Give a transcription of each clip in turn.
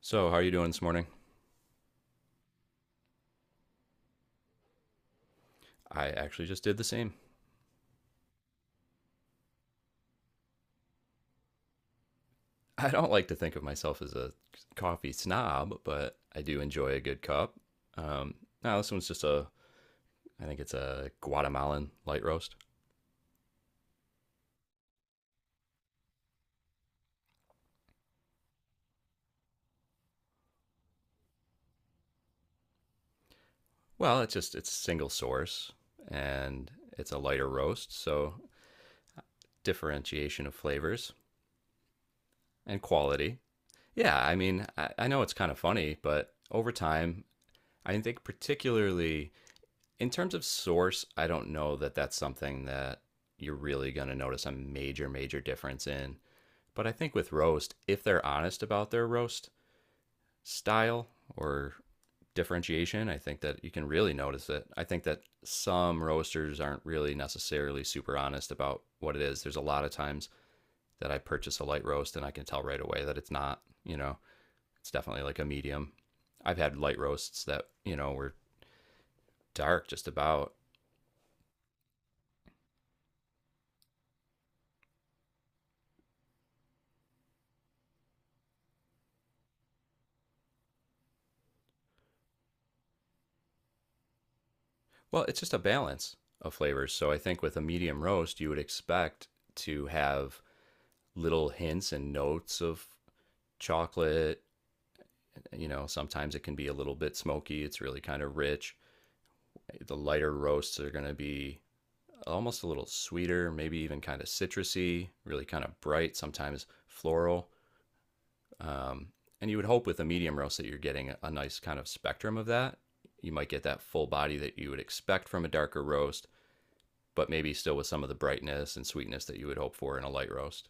So, how are you doing this morning? I actually just did the same. I don't like to think of myself as a coffee snob, but I do enjoy a good cup. Um, Now this one's just a, I think it's a Guatemalan light roast. Well, it's single source and it's a lighter roast, so differentiation of flavors and quality. Yeah, I mean, I know it's kind of funny, but over time, I think particularly in terms of source, I don't know that that's something that you're really going to notice a major, major difference in. But I think with roast, if they're honest about their roast style or differentiation, I think that you can really notice it. I think that some roasters aren't really necessarily super honest about what it is. There's a lot of times that I purchase a light roast and I can tell right away that it's not. It's definitely like a medium. I've had light roasts that, were dark just about. Well, it's just a balance of flavors. So I think with a medium roast, you would expect to have little hints and notes of chocolate. You know, sometimes it can be a little bit smoky. It's really kind of rich. The lighter roasts are going to be almost a little sweeter, maybe even kind of citrusy, really kind of bright, sometimes floral. Um, and you would hope with a medium roast that you're getting a nice kind of spectrum of that. You might get that full body that you would expect from a darker roast but maybe still with some of the brightness and sweetness that you would hope for in a light roast.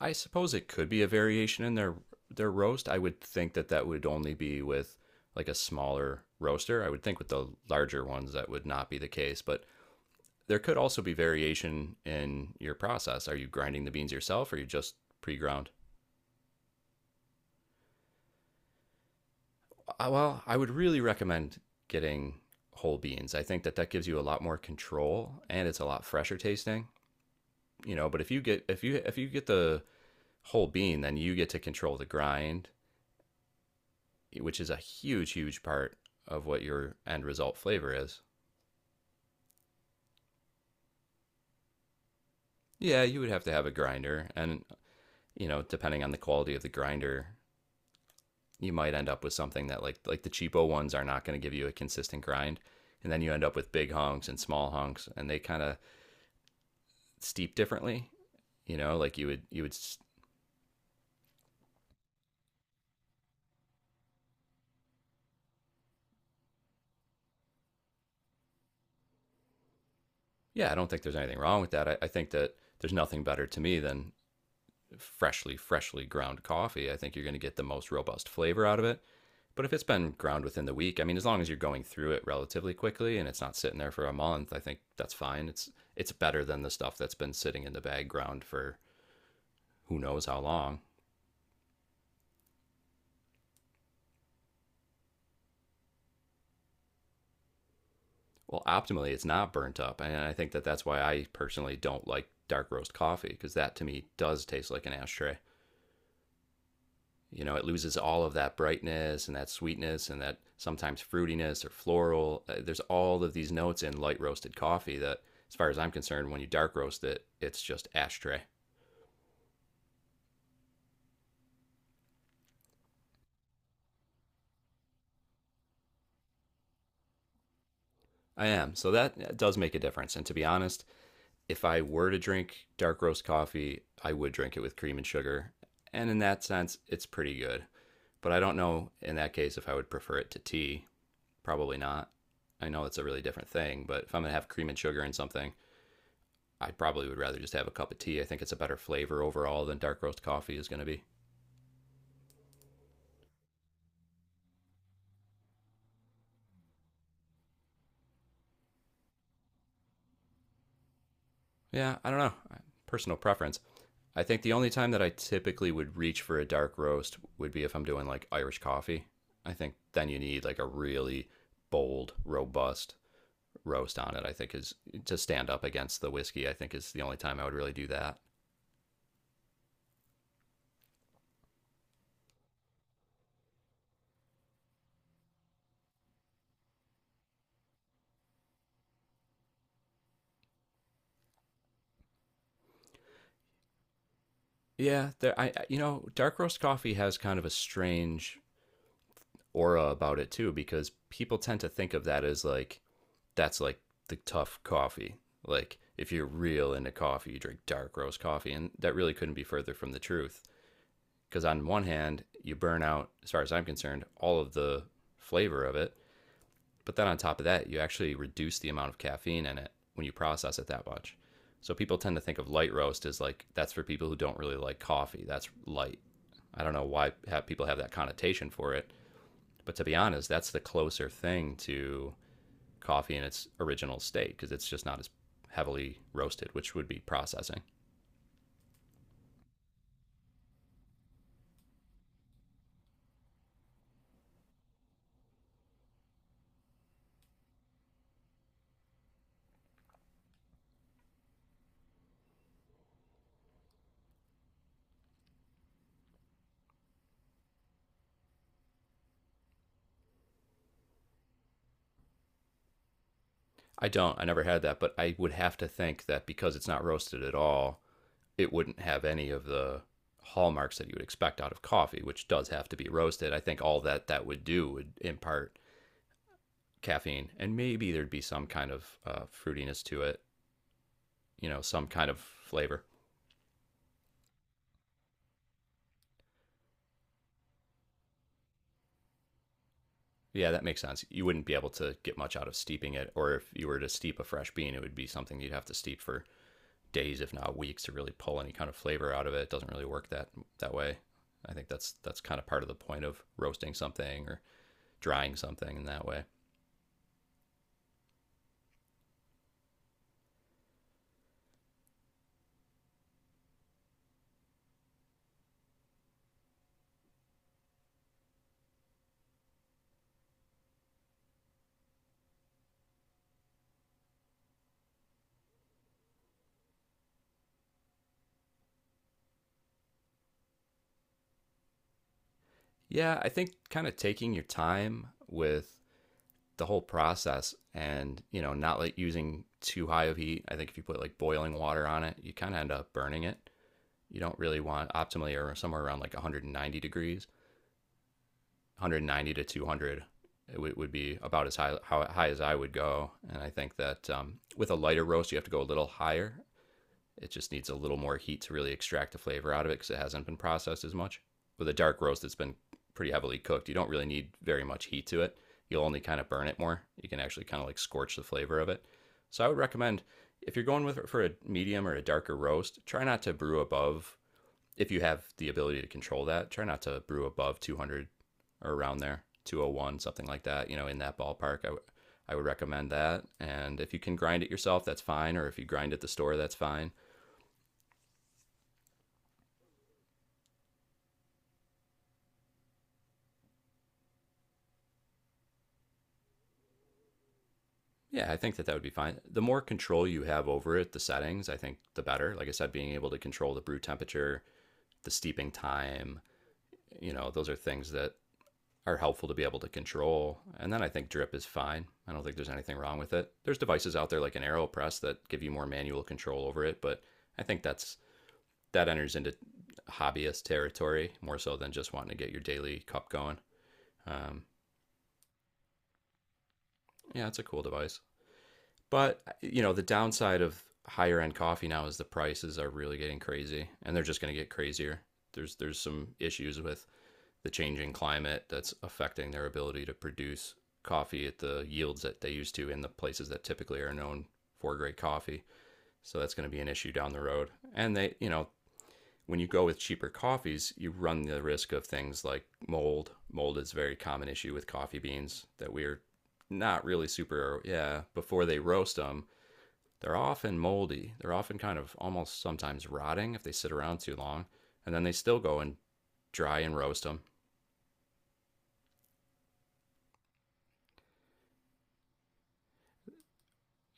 I suppose it could be a variation in their roast. I would think that that would only be with like a smaller roaster. I would think with the larger ones that would not be the case, but there could also be variation in your process. Are you grinding the beans yourself or are you just pre-ground? Well, I would really recommend getting whole beans. I think that that gives you a lot more control and it's a lot fresher tasting, you know, but if you get the whole being, then you get to control the grind, which is a huge, huge part of what your end result flavor is. Yeah, you would have to have a grinder, and you know, depending on the quality of the grinder, you might end up with something that like the cheapo ones are not going to give you a consistent grind, and then you end up with big hunks and small hunks, and they kind of steep differently. You know, like you would yeah, I don't think there's anything wrong with that. I think that there's nothing better to me than freshly ground coffee. I think you're going to get the most robust flavor out of it. But if it's been ground within the week, I mean, as long as you're going through it relatively quickly and it's not sitting there for a month, I think that's fine. It's better than the stuff that's been sitting in the bag ground for who knows how long. Well, optimally, it's not burnt up, and I think that that's why I personally don't like dark roast coffee because that to me does taste like an ashtray. You know, it loses all of that brightness and that sweetness and that sometimes fruitiness or floral. There's all of these notes in light roasted coffee that, as far as I'm concerned, when you dark roast it, it's just ashtray. I am. So that does make a difference. And to be honest, if I were to drink dark roast coffee, I would drink it with cream and sugar. And in that sense, it's pretty good. But I don't know in that case if I would prefer it to tea. Probably not. I know it's a really different thing, but if I'm going to have cream and sugar in something, I probably would rather just have a cup of tea. I think it's a better flavor overall than dark roast coffee is going to be. Yeah, I don't know. Personal preference. I think the only time that I typically would reach for a dark roast would be if I'm doing like Irish coffee. I think then you need like a really bold, robust roast on it. I think is to stand up against the whiskey. I think is the only time I would really do that. Yeah, there. I You know, dark roast coffee has kind of a strange aura about it too because people tend to think of that as like that's like the tough coffee. Like if you're real into coffee, you drink dark roast coffee, and that really couldn't be further from the truth. Because on one hand, you burn out, as far as I'm concerned, all of the flavor of it, but then on top of that, you actually reduce the amount of caffeine in it when you process it that much. So people tend to think of light roast as like that's for people who don't really like coffee. That's light. I don't know why ha people have that connotation for it, but to be honest, that's the closer thing to coffee in its original state because it's just not as heavily roasted, which would be processing. I don't. I never had that, but I would have to think that because it's not roasted at all, it wouldn't have any of the hallmarks that you would expect out of coffee, which does have to be roasted. I think all that that would do would impart caffeine, and maybe there'd be some kind of fruitiness to it, you know, some kind of flavor. Yeah, that makes sense. You wouldn't be able to get much out of steeping it, or if you were to steep a fresh bean, it would be something you'd have to steep for days, if not weeks, to really pull any kind of flavor out of it. It doesn't really work that way. I think that's kind of part of the point of roasting something or drying something in that way. Yeah, I think kind of taking your time with the whole process and, you know, not like using too high of heat. I think if you put like boiling water on it, you kind of end up burning it. You don't really want optimally or somewhere around like 190 degrees, 190 to 200 it would be about as high as I would go. And I think that with a lighter roast, you have to go a little higher. It just needs a little more heat to really extract the flavor out of it because it hasn't been processed as much. With a dark roast that's been pretty heavily cooked, you don't really need very much heat to it. You'll only kind of burn it more. You can actually kind of like scorch the flavor of it. So I would recommend if you're going with for a medium or a darker roast, try not to brew above, if you have the ability to control that, try not to brew above 200 or around there, 201, something like that, you know, in that ballpark. I would recommend that. And if you can grind it yourself, that's fine. Or if you grind at the store, that's fine. Yeah, I think that that would be fine. The more control you have over it, the settings, I think the better. Like I said, being able to control the brew temperature, the steeping time, you know, those are things that are helpful to be able to control. And then I think drip is fine. I don't think there's anything wrong with it. There's devices out there like an AeroPress that give you more manual control over it, but I think that enters into hobbyist territory more so than just wanting to get your daily cup going. Um, yeah, it's a cool device. But you know, the downside of higher end coffee now is the prices are really getting crazy, and they're just going to get crazier. There's some issues with the changing climate that's affecting their ability to produce coffee at the yields that they used to in the places that typically are known for great coffee. So that's going to be an issue down the road. And they, you know, when you go with cheaper coffees, you run the risk of things like mold. Mold is a very common issue with coffee beans that we are not really super, yeah, before they roast them, they're often moldy. They're often kind of almost sometimes rotting if they sit around too long. And then they still go and dry and roast them.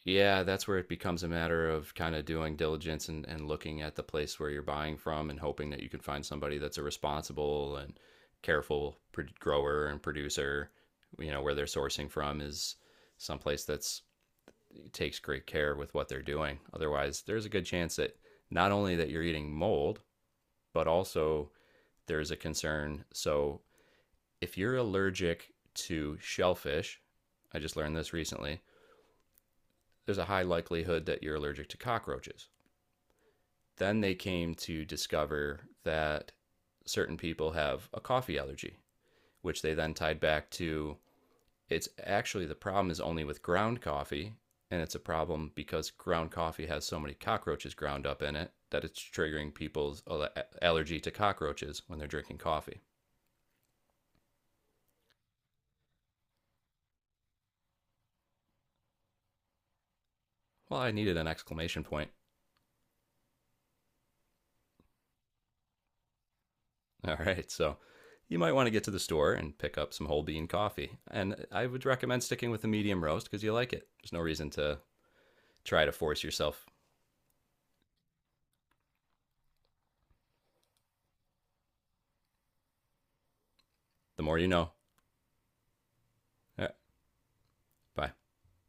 Yeah, that's where it becomes a matter of kind of doing diligence and looking at the place where you're buying from and hoping that you can find somebody that's a responsible and careful grower and producer, you know, where they're sourcing from is someplace that's takes great care with what they're doing. Otherwise, there's a good chance that not only that you're eating mold, but also there's a concern. So, if you're allergic to shellfish, I just learned this recently, there's a high likelihood that you're allergic to cockroaches. Then they came to discover that certain people have a coffee allergy, which they then tied back to it's actually the problem is only with ground coffee, and it's a problem because ground coffee has so many cockroaches ground up in it that it's triggering people's allergy to cockroaches when they're drinking coffee. Well, I needed an exclamation point. All right, so you might want to get to the store and pick up some whole bean coffee. And I would recommend sticking with the medium roast because you like it. There's no reason to try to force yourself. The more you know. Yeah, bye.